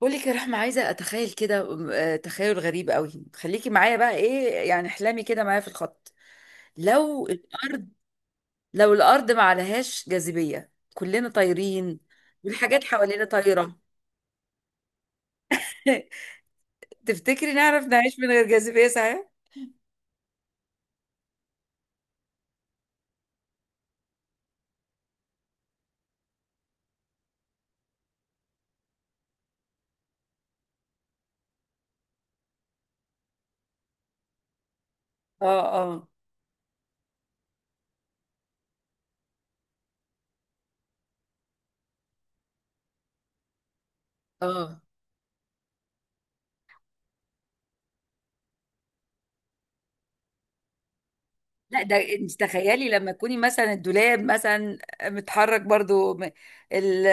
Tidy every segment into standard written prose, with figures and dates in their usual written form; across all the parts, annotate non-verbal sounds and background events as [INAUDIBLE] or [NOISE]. بقولك يا رحمة، عايزة أتخيل كده. تخيل غريب قوي، خليكي معايا بقى. إيه يعني احلامي كده معايا في الخط. لو الأرض لو الأرض ما عليهاش جاذبية، كلنا طايرين، والحاجات حوالينا طايرة. [LAUGHS] تفتكري نعرف نعيش من غير جاذبية صحيح؟ اه. اه. اه. لا، ده انت تخيلي لما تكوني مثلا الدولاب مثلا متحرك برضو ال-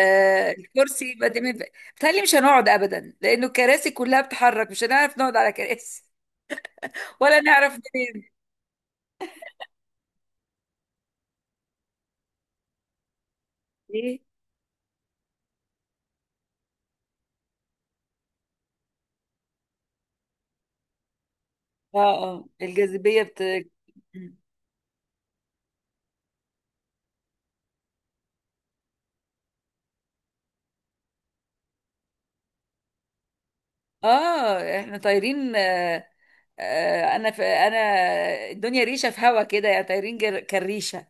الكرسي يبقى. بتهيألي مش هنقعد ابدا لانه الكراسي كلها بتتحرك، مش هنعرف نقعد على كراسي، ولا نعرف منين. ايه. اه اه، الجاذبية اه، احنا طايرين انا الدنيا ريشة في هوا كده، يعني طايرين كالريشة.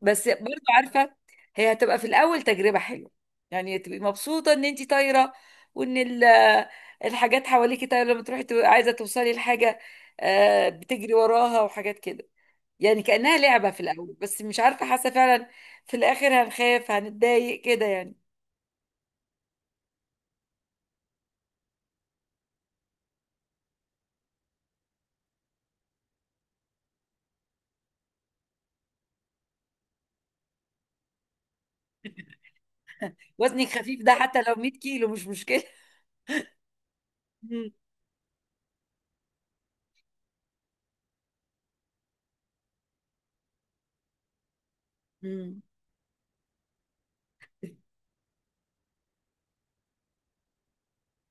بس برضو عارفه، هي هتبقى في الاول تجربه حلوه، يعني تبقي مبسوطه ان انت طايره وان الحاجات حواليكي طايره. لما تروحي تبقي عايزه توصلي لحاجه، بتجري وراها وحاجات كده. يعني كانها لعبه في الاول، بس مش عارفه، حاسه فعلا في الاخر هنخاف، هنتضايق كده يعني. وزنك خفيف، ده حتى لو 100 كيلو مش مشكله. مم. مم.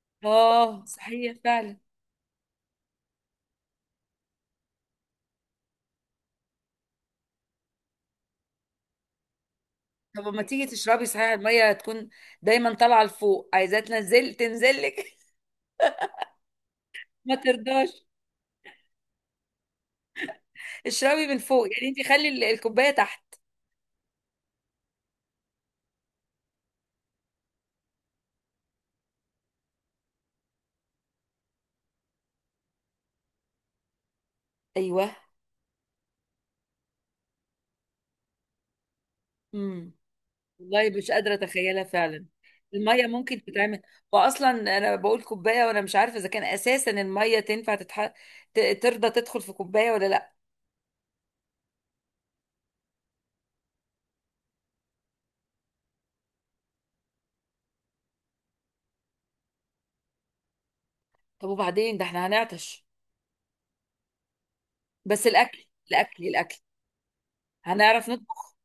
[LAUGHS] اه صحيح فعلا. طب ما تيجي تشربي صحيح، الميه تكون دايما طالعه لفوق، عايزاه تنزل تنزلك. [LAUGHS] ما ترضاش، اشربي من فوق، يعني انت خلي الكوبايه تحت. ايوه. امم. والله مش قادره اتخيلها فعلا. الميه ممكن تتعمل. واصلا انا بقول كوبايه، وانا مش عارفه اذا كان اساسا الميه تنفع ترضى تدخل في كوبايه ولا لا. طب وبعدين ده احنا هنعطش. بس الاكل، الاكل هنعرف نطبخ.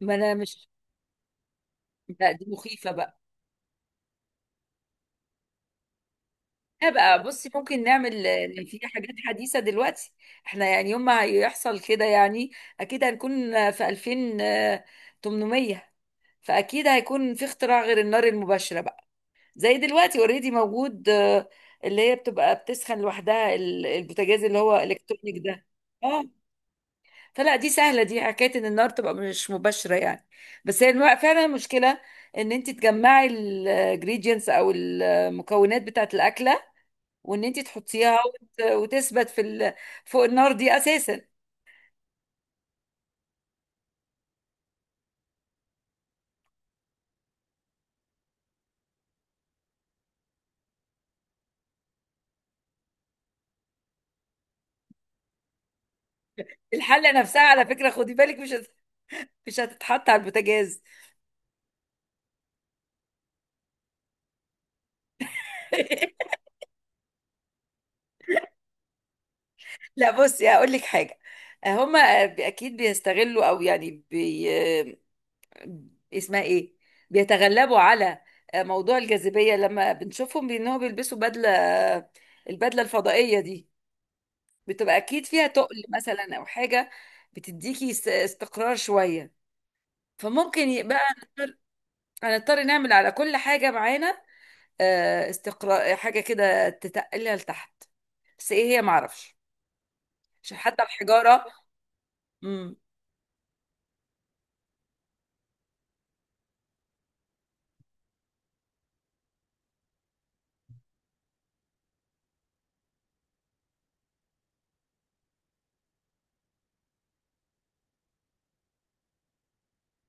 ما انا مش. لا دي مخيفه بقى. لا بقى بصي، ممكن نعمل في حاجات حديثه دلوقتي. احنا يعني يوم ما هيحصل كده يعني، اكيد هنكون في 2800. فاكيد هيكون في اختراع غير النار المباشره بقى، زي دلوقتي اوريدي موجود اللي هي بتبقى بتسخن لوحدها، البوتاجاز اللي هو الكترونيك ده. اه. فلا دي سهله، دي حكايه ان النار تبقى مش مباشره يعني. بس هي فعلا المشكله ان انت تجمعي الجريدينتس او المكونات بتاعه الاكله، وان انت تحطيها وتثبت في فوق النار دي اساسا. الحله نفسها على فكره خدي بالك، مش هتتحط على البوتاجاز. [LAUGHS] لا بصي هقول لك حاجه. هم اكيد بيستغلوا او يعني اسمها ايه، بيتغلبوا على موضوع الجاذبيه لما بنشوفهم بانهم بيلبسوا بدله. البدله الفضائيه دي بتبقى اكيد فيها تقل مثلا او حاجه بتديكي استقرار شويه. فممكن يبقى هنضطر نعمل على كل حاجه معانا استقرار، حاجه كده تتقلها لتحت، بس ايه هي معرفش، عشان حتى الحجاره. امم.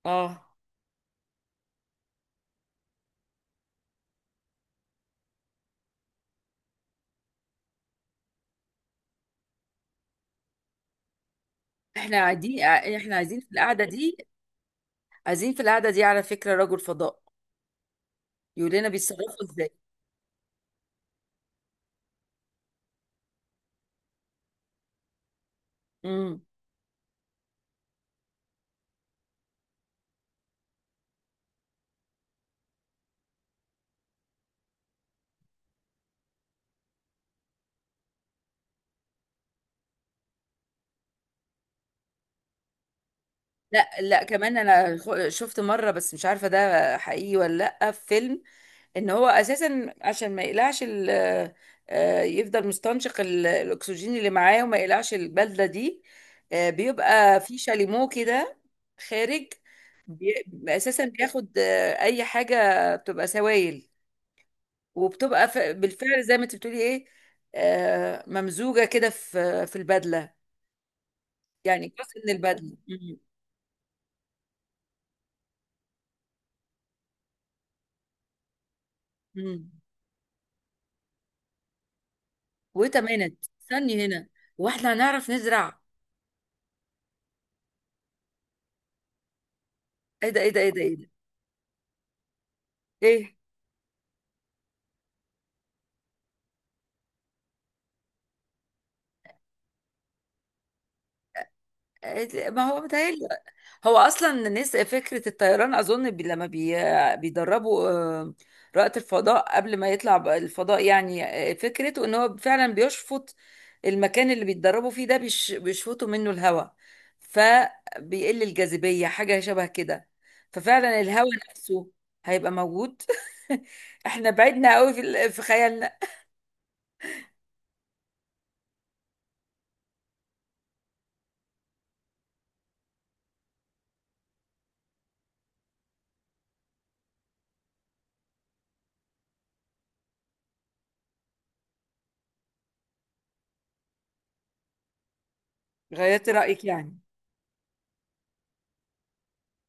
اه احنا قاعدين، احنا عايزين في القعده دي على فكره رجل فضاء يقول لنا بيتصرفوا ازاي. امم. لا لا كمان انا شفت مره، بس مش عارفه ده حقيقي ولا. لا، في فيلم ان هو اساسا عشان ما يقلعش يفضل مستنشق الاكسجين اللي معاه، وما يقلعش البلده دي. بيبقى في شاليمو كده خارج. بي- اساسا بياخد اي حاجه بتبقى سوائل، وبتبقى بالفعل زي ما انت بتقولي ايه. ممزوجة كده في البدلة، يعني جزء من البدلة. مم. مم. وتمانت استني هنا. واحنا هنعرف نزرع. ايه ده ايه ده ايه ده ايه ده. ايه ما هو متهيألي. هو اصلا الناس فكره الطيران اظن لما بيدربوا رائد الفضاء قبل ما يطلع بقى الفضاء يعني. فكرته ان هو فعلا بيشفط. المكان اللي بيتدربوا فيه ده بيشفطوا منه الهواء، فبيقل الجاذبيه حاجه شبه كده. ففعلا الهواء نفسه هيبقى موجود. [LAUGHS] احنا بعدنا قوي في في خيالنا. غيرت رايك يعني.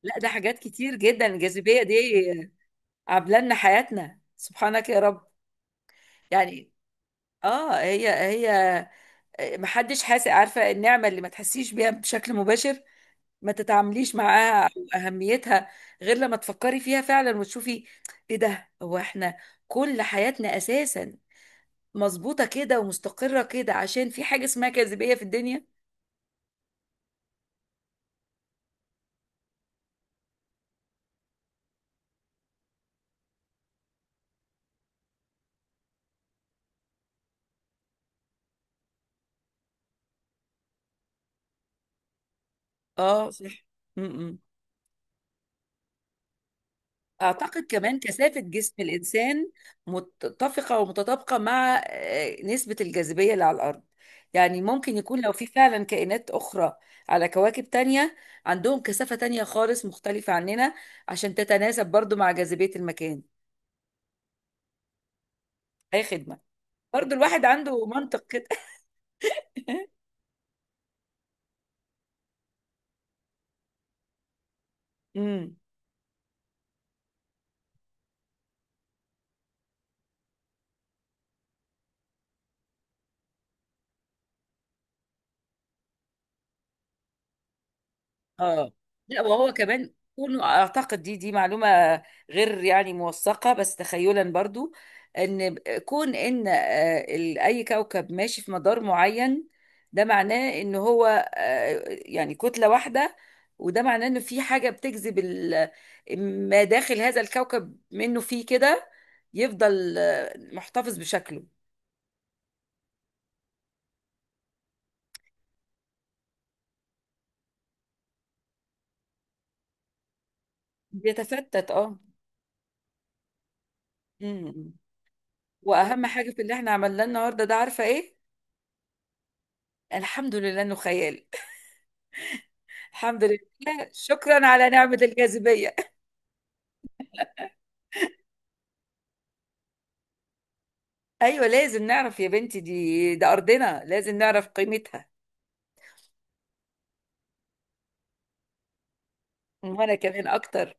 لا، ده حاجات كتير جدا الجاذبيه دي عامله لنا حياتنا، سبحانك يا رب. يعني اه هي محدش حاسس، عارفه النعمه اللي ما تحسيش بيها بشكل مباشر، ما تتعامليش معاها او اهميتها، غير لما تفكري فيها فعلا وتشوفي. ايه ده، هو احنا كل حياتنا اساسا مظبوطه كده ومستقره كده عشان في حاجه اسمها جاذبيه في الدنيا. اه صح. م-م. أعتقد كمان كثافة جسم الإنسان متفقة ومتطابقة مع نسبة الجاذبية اللي على الأرض. يعني ممكن يكون لو في فعلا كائنات أخرى على كواكب تانية، عندهم كثافة تانية خالص مختلفة عننا عشان تتناسب برضو مع جاذبية المكان. أي خدمة. برضو الواحد عنده منطق كده. [LAUGHS] اه لا، وهو كمان كونه اعتقد دي معلومه غير يعني موثقه، بس تخيلا برضو ان كون ان اي كوكب ماشي في مدار معين، ده معناه ان هو يعني كتله واحده، وده معناه انه في حاجه بتجذب ما داخل هذا الكوكب منه، فيه كده يفضل محتفظ بشكله. بيتفتت. اه. مم. واهم حاجه في اللي احنا عملناه النهارده ده عارفه ايه؟ الحمد لله انه خيال. الحمد لله، شكرا على نعمة الجاذبية. [LAUGHS] أيوة لازم نعرف يا بنتي، دي ده أرضنا لازم نعرف قيمتها. وأنا كمان أكتر.